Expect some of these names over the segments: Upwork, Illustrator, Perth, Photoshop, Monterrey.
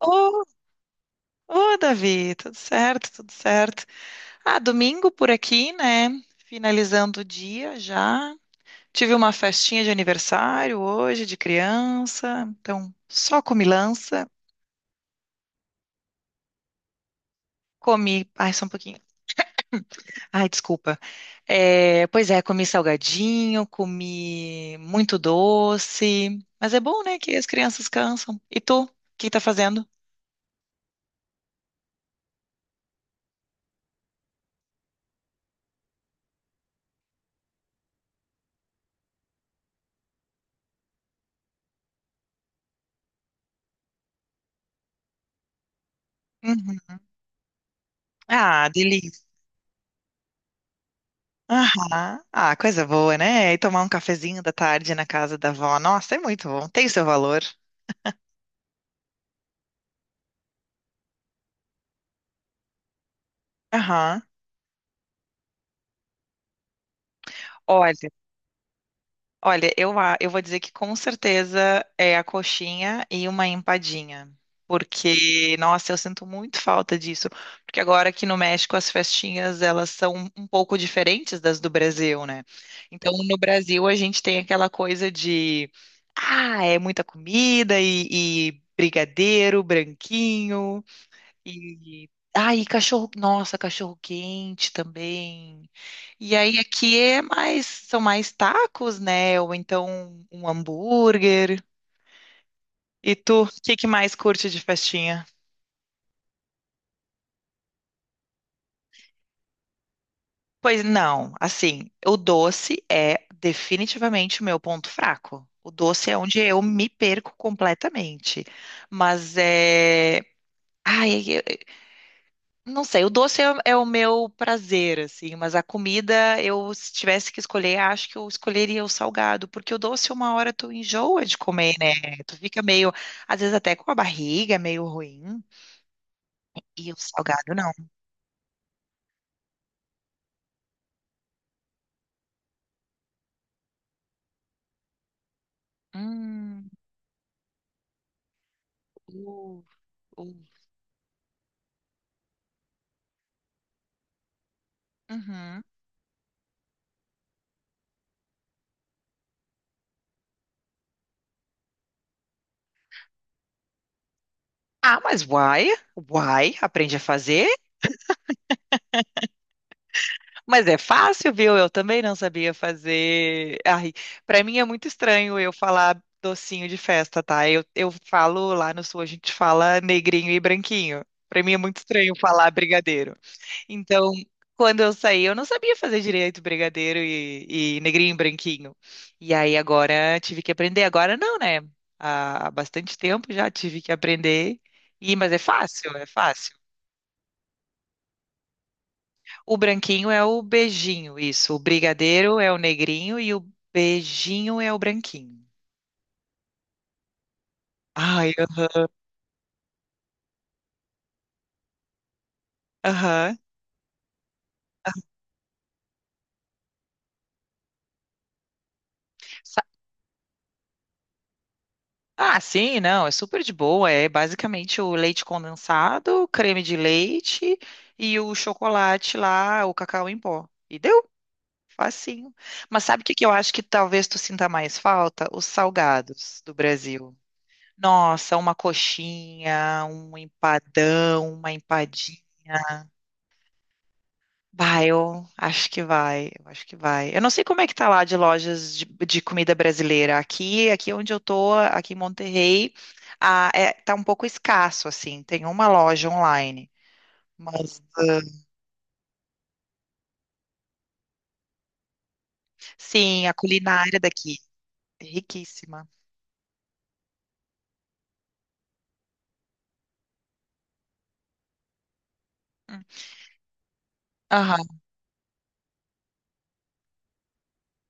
Ô, Davi, tudo certo, tudo certo. Ah, domingo por aqui, né? Finalizando o dia já. Tive uma festinha de aniversário hoje de criança, então só comilança. Comi, ai, só um pouquinho. Ai, desculpa. É, pois é, comi salgadinho, comi muito doce, mas é bom, né, que as crianças cansam. E tu, o que tá fazendo? Uhum. Ah. Aham. Ah, coisa boa, né? E tomar um cafezinho da tarde na casa da avó. Nossa, é muito bom. Tem o seu valor. Aham. Olha, olha, eu, eu vou dizer que com certeza é a coxinha e uma empadinha. Porque, nossa, eu sinto muito falta disso. Porque agora aqui no México as festinhas elas são um pouco diferentes das do Brasil, né? Então no Brasil a gente tem aquela coisa de ah, é muita comida e brigadeiro, branquinho. E aí, cachorro, nossa, cachorro quente também. E aí aqui é mais, são mais tacos, né? Ou então um hambúrguer. E tu, o que que mais curte de festinha? Pois não, assim, o doce é definitivamente o meu ponto fraco. O doce é onde eu me perco completamente. Mas é. Ai. Não sei, o doce é o meu prazer, assim, mas a comida, eu, se tivesse que escolher, acho que eu escolheria o salgado, porque o doce, uma hora tu enjoa de comer, né? Tu fica meio, às vezes até com a barriga meio ruim, e o salgado não. Hum. uh, uh, uhum. Ah, mas uai, aprende a fazer. Mas é fácil, viu? Eu também não sabia fazer. Ai, para mim é muito estranho eu falar docinho de festa, tá? Eu falo lá no sul, a gente fala negrinho e branquinho. Para mim é muito estranho falar brigadeiro. Então, quando eu saí, eu não sabia fazer direito brigadeiro e negrinho e branquinho. E aí agora tive que aprender. Agora não, né? Há bastante tempo já tive que aprender. E, mas é fácil, é fácil. O branquinho é o beijinho, isso. O brigadeiro é o negrinho e o beijinho é o branquinho. Ai, aham. Sa- Ah, sim, não, é super de boa. É basicamente o leite condensado, o creme de leite e o chocolate lá, o cacau em pó. E deu, facinho. Mas sabe o que que eu acho que talvez tu sinta mais falta? Os salgados do Brasil. Nossa, uma coxinha, um empadão, uma empadinha. Vai, eu acho que vai, eu acho que vai. Eu não sei como é que tá lá de lojas de comida brasileira. Aqui, aqui onde eu tô, aqui em Monterrey, ah, é, tá um pouco escasso, assim. Tem uma loja online, mas ah, sim, a culinária daqui é riquíssima. Hum. Aham.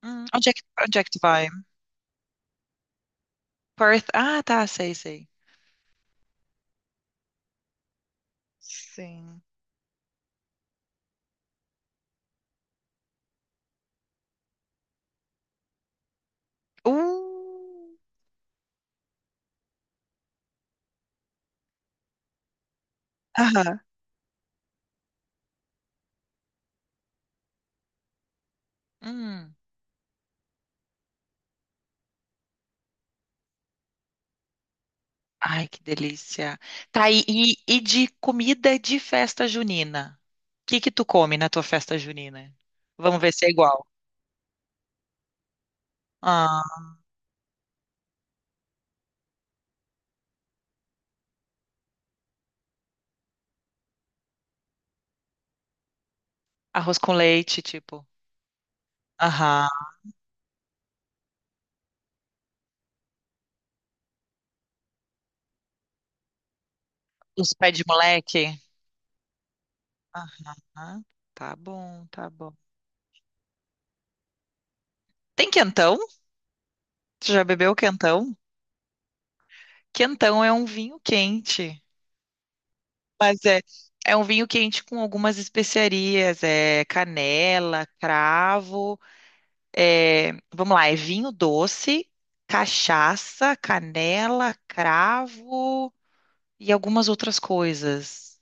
Onde é que, onde é que tu vai? Perth? Ah, tá, sei, sei. Sim. Uh, aham. Hum. Ai, que delícia. Tá, e de comida de festa junina? O que que tu come na tua festa junina? Vamos ver se é igual. Ah, arroz com leite, tipo. Aham. Os pés de moleque. Aham. Tá bom, tá bom. Tem quentão? Tu já bebeu quentão? Quentão é um vinho quente. Mas é, é um vinho quente com algumas especiarias. É canela, cravo. É, vamos lá, é vinho doce, cachaça, canela, cravo e algumas outras coisas.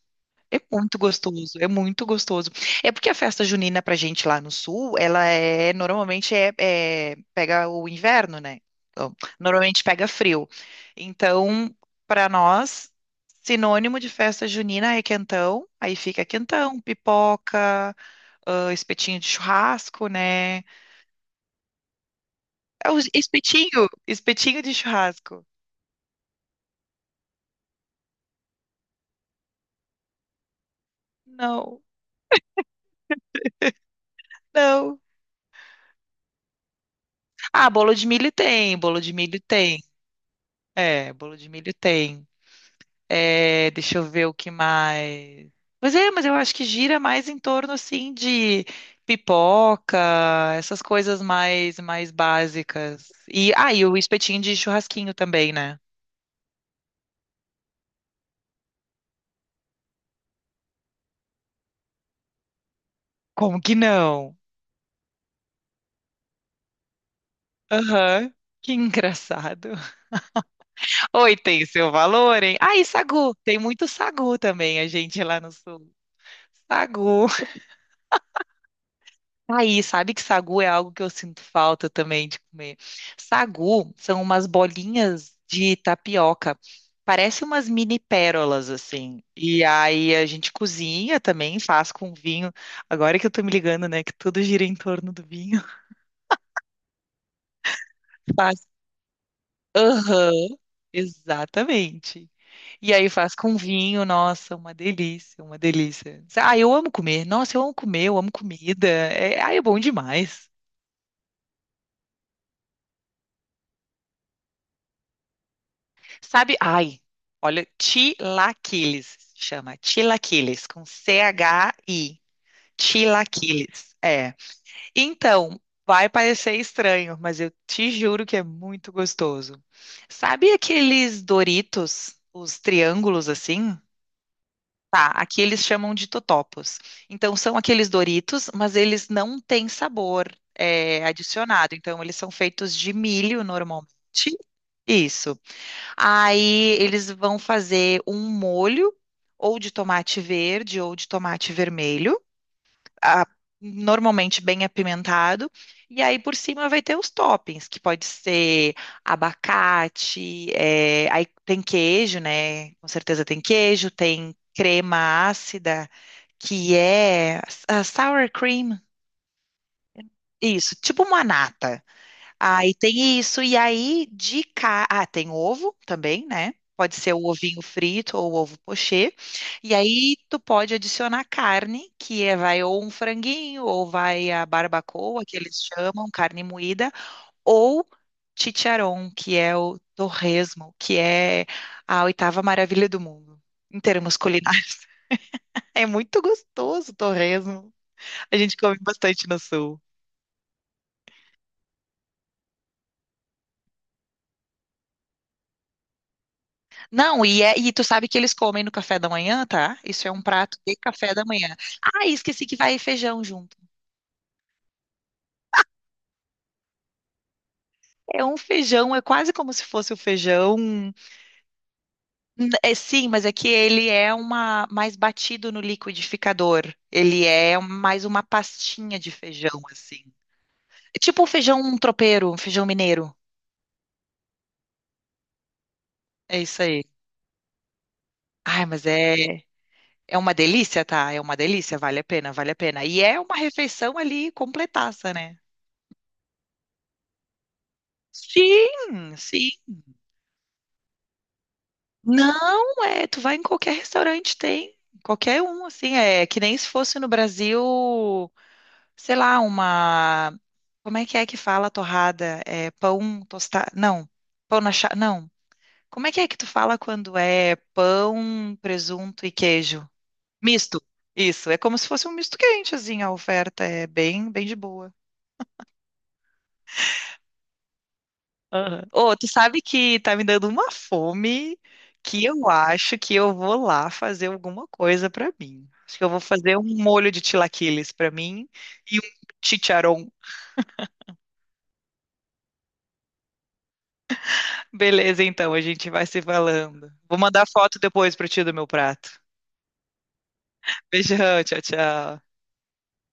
É muito gostoso, é muito gostoso. É porque a festa junina pra gente lá no sul, ela é normalmente pega o inverno, né? Então, normalmente pega frio. Então, pra nós, sinônimo de festa junina é quentão, aí fica quentão, pipoca, ah, espetinho de churrasco, né? É o espetinho, espetinho de churrasco. Não, não. Ah, bolo de milho tem, bolo de milho tem. É, bolo de milho tem. É, deixa eu ver o que mais. Mas é, mas eu acho que gira mais em torno assim de pipoca, essas coisas mais básicas. E aí o espetinho de churrasquinho também, né? Como que não? Aham. Que engraçado. Oi, tem seu valor, hein? Ah, e sagu. Tem muito sagu também, a gente lá no sul. Sagu. Aí, sabe que sagu é algo que eu sinto falta também de comer. Sagu são umas bolinhas de tapioca. Parece umas mini pérolas, assim. E aí a gente cozinha também, faz com vinho. Agora que eu tô me ligando, né, que tudo gira em torno do vinho. Faz. Aham, exatamente. E aí faz com vinho, nossa, uma delícia, uma delícia. Ah, eu amo comer. Nossa, eu amo comer, eu amo comida. É, ah, é bom demais. Sabe? Ai, olha, tilaquiles, chama tilaquiles, com CHI, tilaquiles. É. Então, vai parecer estranho, mas eu te juro que é muito gostoso. Sabe aqueles Doritos, os triângulos assim? Tá, aqui eles chamam de totopos. Então, são aqueles Doritos, mas eles não têm sabor é, adicionado. Então, eles são feitos de milho normalmente. Isso. Aí eles vão fazer um molho ou de tomate verde ou de tomate vermelho, a- normalmente bem apimentado. E aí por cima vai ter os toppings, que pode ser abacate, eh, aí tem queijo, né? Com certeza tem queijo, tem crema ácida, que é ah, sour cream. Isso, tipo uma nata. Aí tem isso. E aí, de cá. Ah, tem ovo também, né? Pode ser o ovinho frito ou o ovo pochê. E aí, tu pode adicionar carne, que é, vai ou um franguinho, ou vai a barbacoa, que eles chamam, carne moída, ou chicharrón, que é o torresmo, que é a oitava maravilha do mundo, em termos culinários. É muito gostoso o torresmo. A gente come bastante no sul. Não, e, e tu sabe que eles comem no café da manhã, tá? Isso é um prato de café da manhã. Ah, esqueci que vai feijão junto. É um feijão, é quase como se fosse o feijão. É sim, mas é que ele é uma mais batido no liquidificador. Ele é mais uma pastinha de feijão, assim. É tipo um feijão tropeiro, um feijão mineiro. É isso aí. Ai, mas é, é uma delícia, tá? É uma delícia, vale a pena, vale a pena. E é uma refeição ali completaça, né? Sim, sim. Não, é, tu vai em qualquer restaurante, tem. Qualquer um, assim, é que nem se fosse no Brasil, sei lá, uma. Como é que fala torrada? É pão tostado? Não, pão na chapa? Não. Como é que tu fala quando é pão, presunto e queijo? Misto. Isso, é como se fosse um misto quente, assim, a oferta é bem, bem de boa. Aham. Ô, tu sabe que tá me dando uma fome que eu acho que eu vou lá fazer alguma coisa pra mim. Acho que eu vou fazer um molho de chilaquiles pra mim e um chicharrón. Beleza, então, a gente vai se falando. Vou mandar foto depois pra ti do meu prato. Beijão, tchau, tchau.